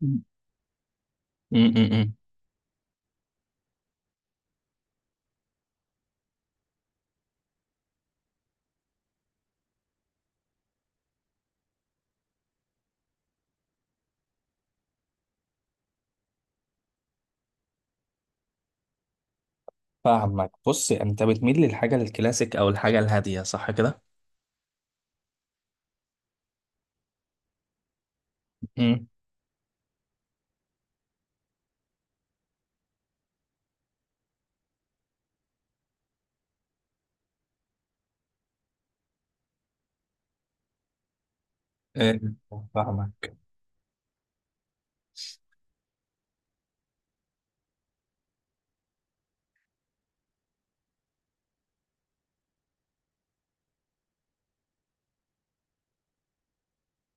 م- م- م. فاهمك. بص، انت بتميل للحاجه الكلاسيك او الحاجه الهاديه، صح كده؟ م. إيه، فاهمك.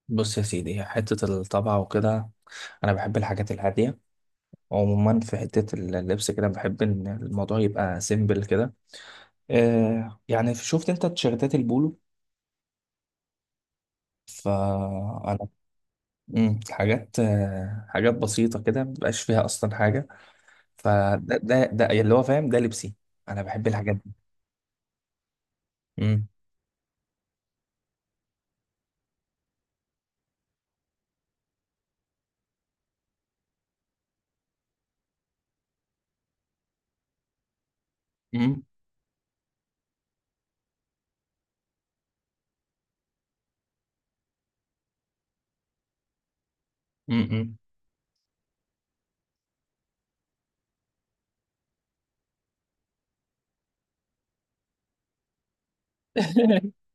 بص يا سيدي، حته الطبعه وكده، انا بحب الحاجات الهاديه. عموما في حته اللبس كده بحب ان الموضوع يبقى سيمبل كده. آه، يعني شفت انت تيشيرتات البولو؟ فانا حاجات، حاجات بسيطه كده، مبقاش فيها اصلا حاجه. فده ده ده اللي هو فاهم، ده لبسي. انا بحب الحاجات دي. مم، مم، مم، مم.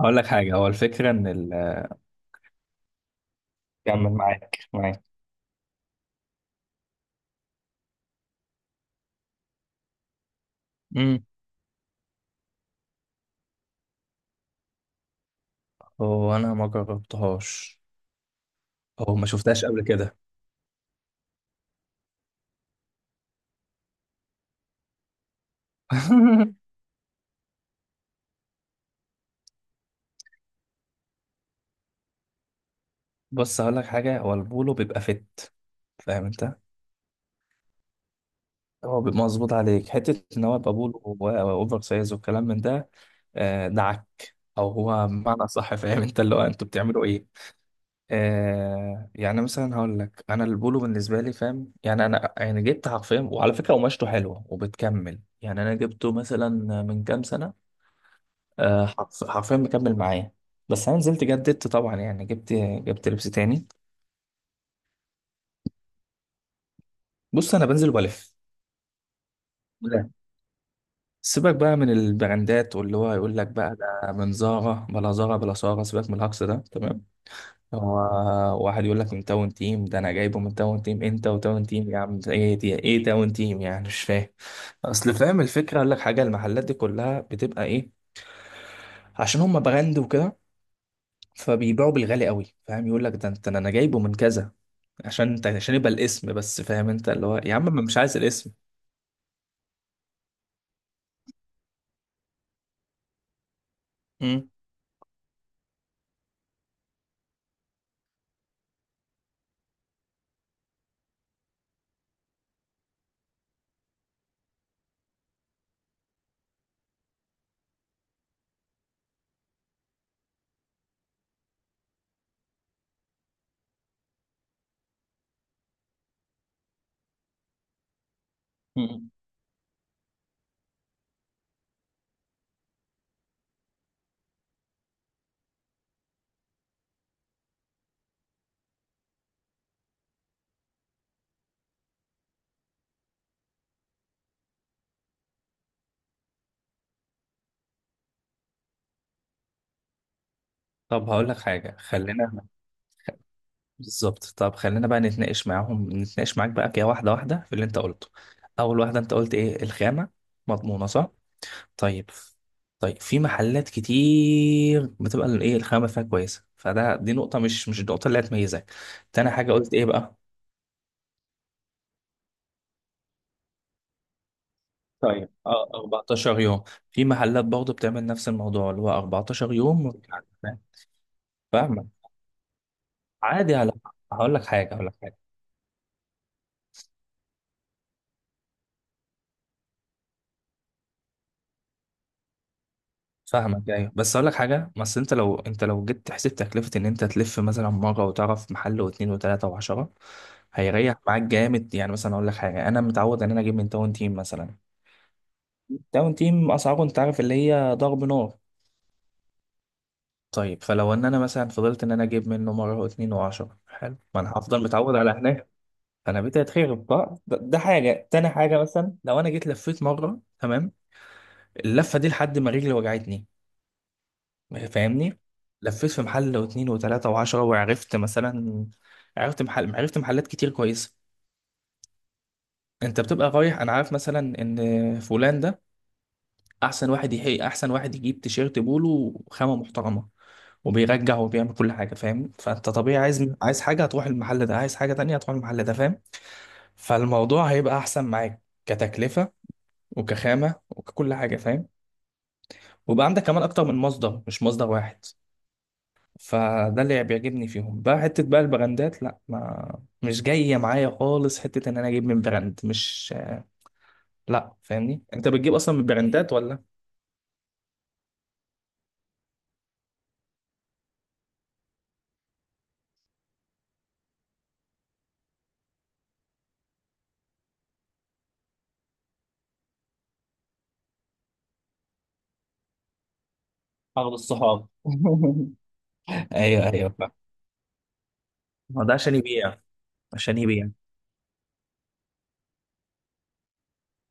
هقول لك حاجة، هو الفكرة إن ال... كمل. معاك. امم هو أنا ما جربتهاش أو ما شفتهاش قبل كده. بص، هقول لك حاجة، هو البولو بيبقى فت، فاهم أنت؟ هو بيبقى مظبوط عليك، حتة إن هو يبقى بولو وأوفر سايز والكلام من ده. دعك، أو هو بمعنى صح، فاهم أنت؟ اللي هو أنتوا بتعملوا إيه؟ آه، يعني مثلا هقول لك، انا البولو بالنسبه لي، فاهم؟ يعني انا يعني جبت حرفيا، وعلى فكره قماشته حلوه وبتكمل. يعني انا جبته مثلا من كام سنه. حرفيا مكمل معايا. بس انا نزلت جددت طبعا، يعني جبت لبس تاني. بص، انا بنزل والف. لا، سيبك بقى من البراندات، واللي هو يقول لك بقى ده من زارا بلا زارا بلا سارة، سيبك من الهجص ده، تمام؟ هو واحد يقول لك من تاون تيم، ده انا جايبه من تاون تيم. انت وتاون تيم يا عم، ايه دي؟ ايه تاون تيم يعني؟ مش فاهم. اصل فاهم الفكره، اقول لك حاجه، المحلات دي كلها بتبقى ايه؟ عشان هم براند وكده، فبيبيعوا بالغالي قوي، فاهم؟ يقول لك ده انت انا جايبه من كذا، عشان انت عشان يبقى الاسم بس، فاهم انت؟ اللي هو يا عم، ما مش عايز الاسم. مم. مم. طب هقول لك حاجه خلينا بالظبط. طب خلينا بقى نتناقش معاهم، نتناقش معاك بقى كده واحده واحده في اللي انت قلته. اول واحده انت قلت ايه؟ الخامه مضمونه صح؟ طيب، طيب في محلات كتير بتبقى ايه الخامه فيها كويسه، فده نقطه، مش النقطه اللي هتميزك. تاني حاجه قلت ايه بقى؟ طيب، اه، 14 يوم. في محلات برضه بتعمل نفس الموضوع اللي هو 14 يوم. فاهمك، عادي على، هقول لك حاجه. فاهمك، ايوه، بس هقول لك حاجه، بس انت لو جيت تحسب تكلفه ان انت تلف مثلا مره وتعرف محل واثنين وثلاثه وعشره، هيريح معاك جامد. يعني مثلا اقول لك حاجه، انا متعود ان انا اجيب من تاون تيم مثلا. داون تيم اسعاره انت عارف اللي هي ضرب نار. طيب، فلو ان انا مثلا فضلت ان انا اجيب منه مره واتنين وعشرة، حلو، ما انا هفضل متعود على هناك. انا بيتي هيتخرب بقى. ده حاجه. تاني حاجه، مثلا لو انا جيت لفيت مره، تمام، اللفه دي لحد ما رجلي وجعتني، فاهمني؟ لفيت في محل واتنين وتلاته وعشرة، وعرفت مثلا، عرفت محل، عرفت محلات كتير كويسه. انت بتبقى رايح، انا عارف مثلا ان فلان ده احسن واحد يحقق، احسن واحد يجيب تيشيرت بولو وخامه محترمه وبيرجع وبيعمل كل حاجه، فاهم؟ فانت طبيعي عايز، عايز حاجه هتروح المحل ده، عايز حاجه تانية هتروح المحل ده، فاهم؟ فالموضوع هيبقى احسن معاك كتكلفه وكخامه وككل حاجه، فاهم؟ وبقى عندك كمان اكتر من مصدر، مش مصدر واحد. فده اللي بيعجبني فيهم بقى. حته بقى البراندات، لا، ما مش جايه معايا خالص، حته ان انا اجيب من براند، مش، لا. فاهمني، انت بتجيب اصلا من براندات ولا؟ اغلب الصحاب. ايوه، ايوه فاهم. ما ده عشان يبيع. عشان يبيع.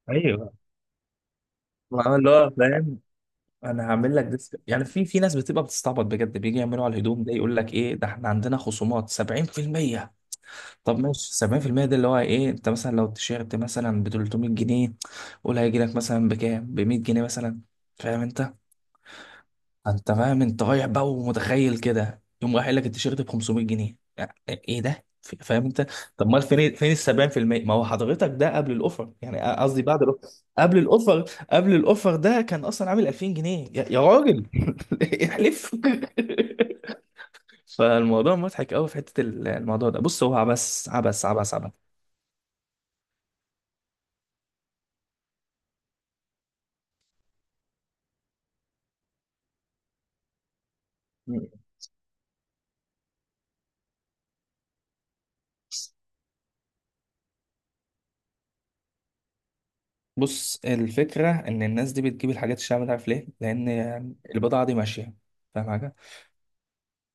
ايوه، ما هو اللي هو فاهم، انا هعمل لك ديسك. يعني في ناس بتبقى بتستعبط بجد، بيجي يعملوا على الهدوم ده، يقول لك ايه ده، احنا عندنا خصومات 70%. طب ماشي، 70%، ده اللي هو ايه، انت مثلا لو التيشيرت مثلا ب 300 جنيه، قول هيجي لك مثلا بكام؟ ب 100 جنيه مثلا، فاهم انت؟ انت فاهم، انت رايح بقى ومتخيل كده، يوم رايح قايل لك التيشيرت ب 500 جنيه، يعني ايه ده؟ فاهم انت؟ طب امال فين، فين ال 70%؟ ما هو حضرتك، ده قبل الاوفر يعني، قصدي بعد الاوفر. قبل الاوفر، قبل الاوفر ده كان اصلا عامل 2000 جنيه يا راجل. احلف. فالموضوع مضحك قوي في حته الموضوع ده. بص هو عبس. بص الفكره ان الناس دي بتجيب الحاجات الشعب ده، عارف ليه؟ لان البضاعه دي ماشيه، فاهم؟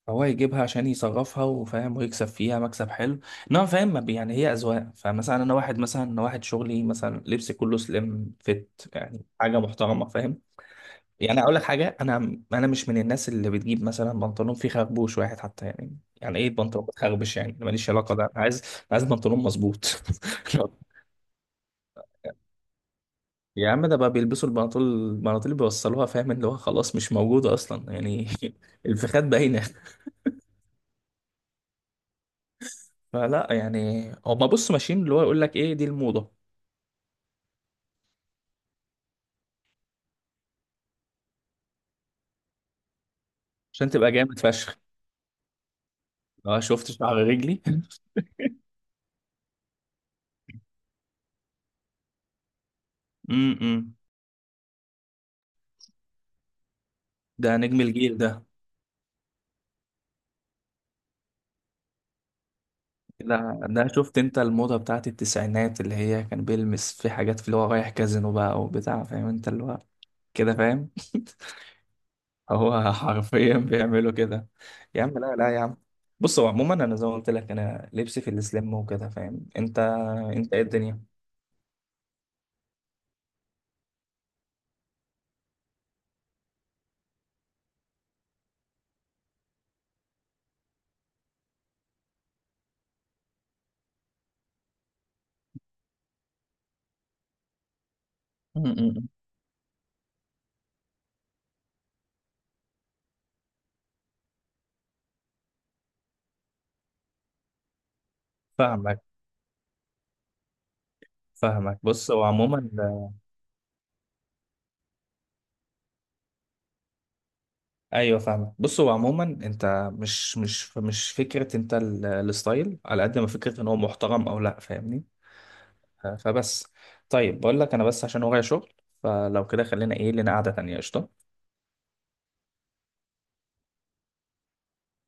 فهو يجيبها عشان يصرفها، وفاهم، ويكسب فيها مكسب حلو. انما فاهم، ما بي- يعني هي اذواق. فمثلا انا واحد، مثلا انا واحد شغلي مثلا لبسي كله سليم فيت، يعني حاجه محترمه، فاهم؟ يعني اقول لك حاجه، انا مش من الناس اللي بتجيب مثلا بنطلون فيه خربوش واحد حتى، يعني يعني ايه بنطلون بتخربش؟ يعني أنا ماليش علاقه ده، أنا عايز بنطلون مظبوط. يا عم ده بقى بيلبسوا البناطيل، اللي بيوصلوها، فاهم؟ اللي هو خلاص مش موجوده اصلا يعني. الفخاد باينه. فلا يعني، هما بص ماشيين اللي هو يقول لك ايه، دي الموضة. عشان تبقى جامد فشخ، اه، شفت شعر رجلي. امم ده نجم الجيل ده. شفت انت الموضة بتاعت التسعينات اللي هي كان بيلمس في حاجات، في اللي هو رايح كازينو بقى وبتاع، فاهم انت اللي هو كده، فاهم؟ هو حرفيا بيعملوا كده. يا عم لا، لا يا عم. بص هو عموما انا زي ما قلت لك، انا لبسي في السليم وكده، فاهم انت؟ انت ايه الدنيا؟ م- م- م. فاهمك. فاهمك. بص هو عموما، ايوه فاهمك. بص هو عموما انت مش فكره انت الستايل، على قد ما فكره ان هو محترم او لا، فاهمني؟ فبس. طيب، بقول لك انا بس عشان ورايا شغل، فلو كده خلينا ايه، لنا قعده تانيه، قشطه.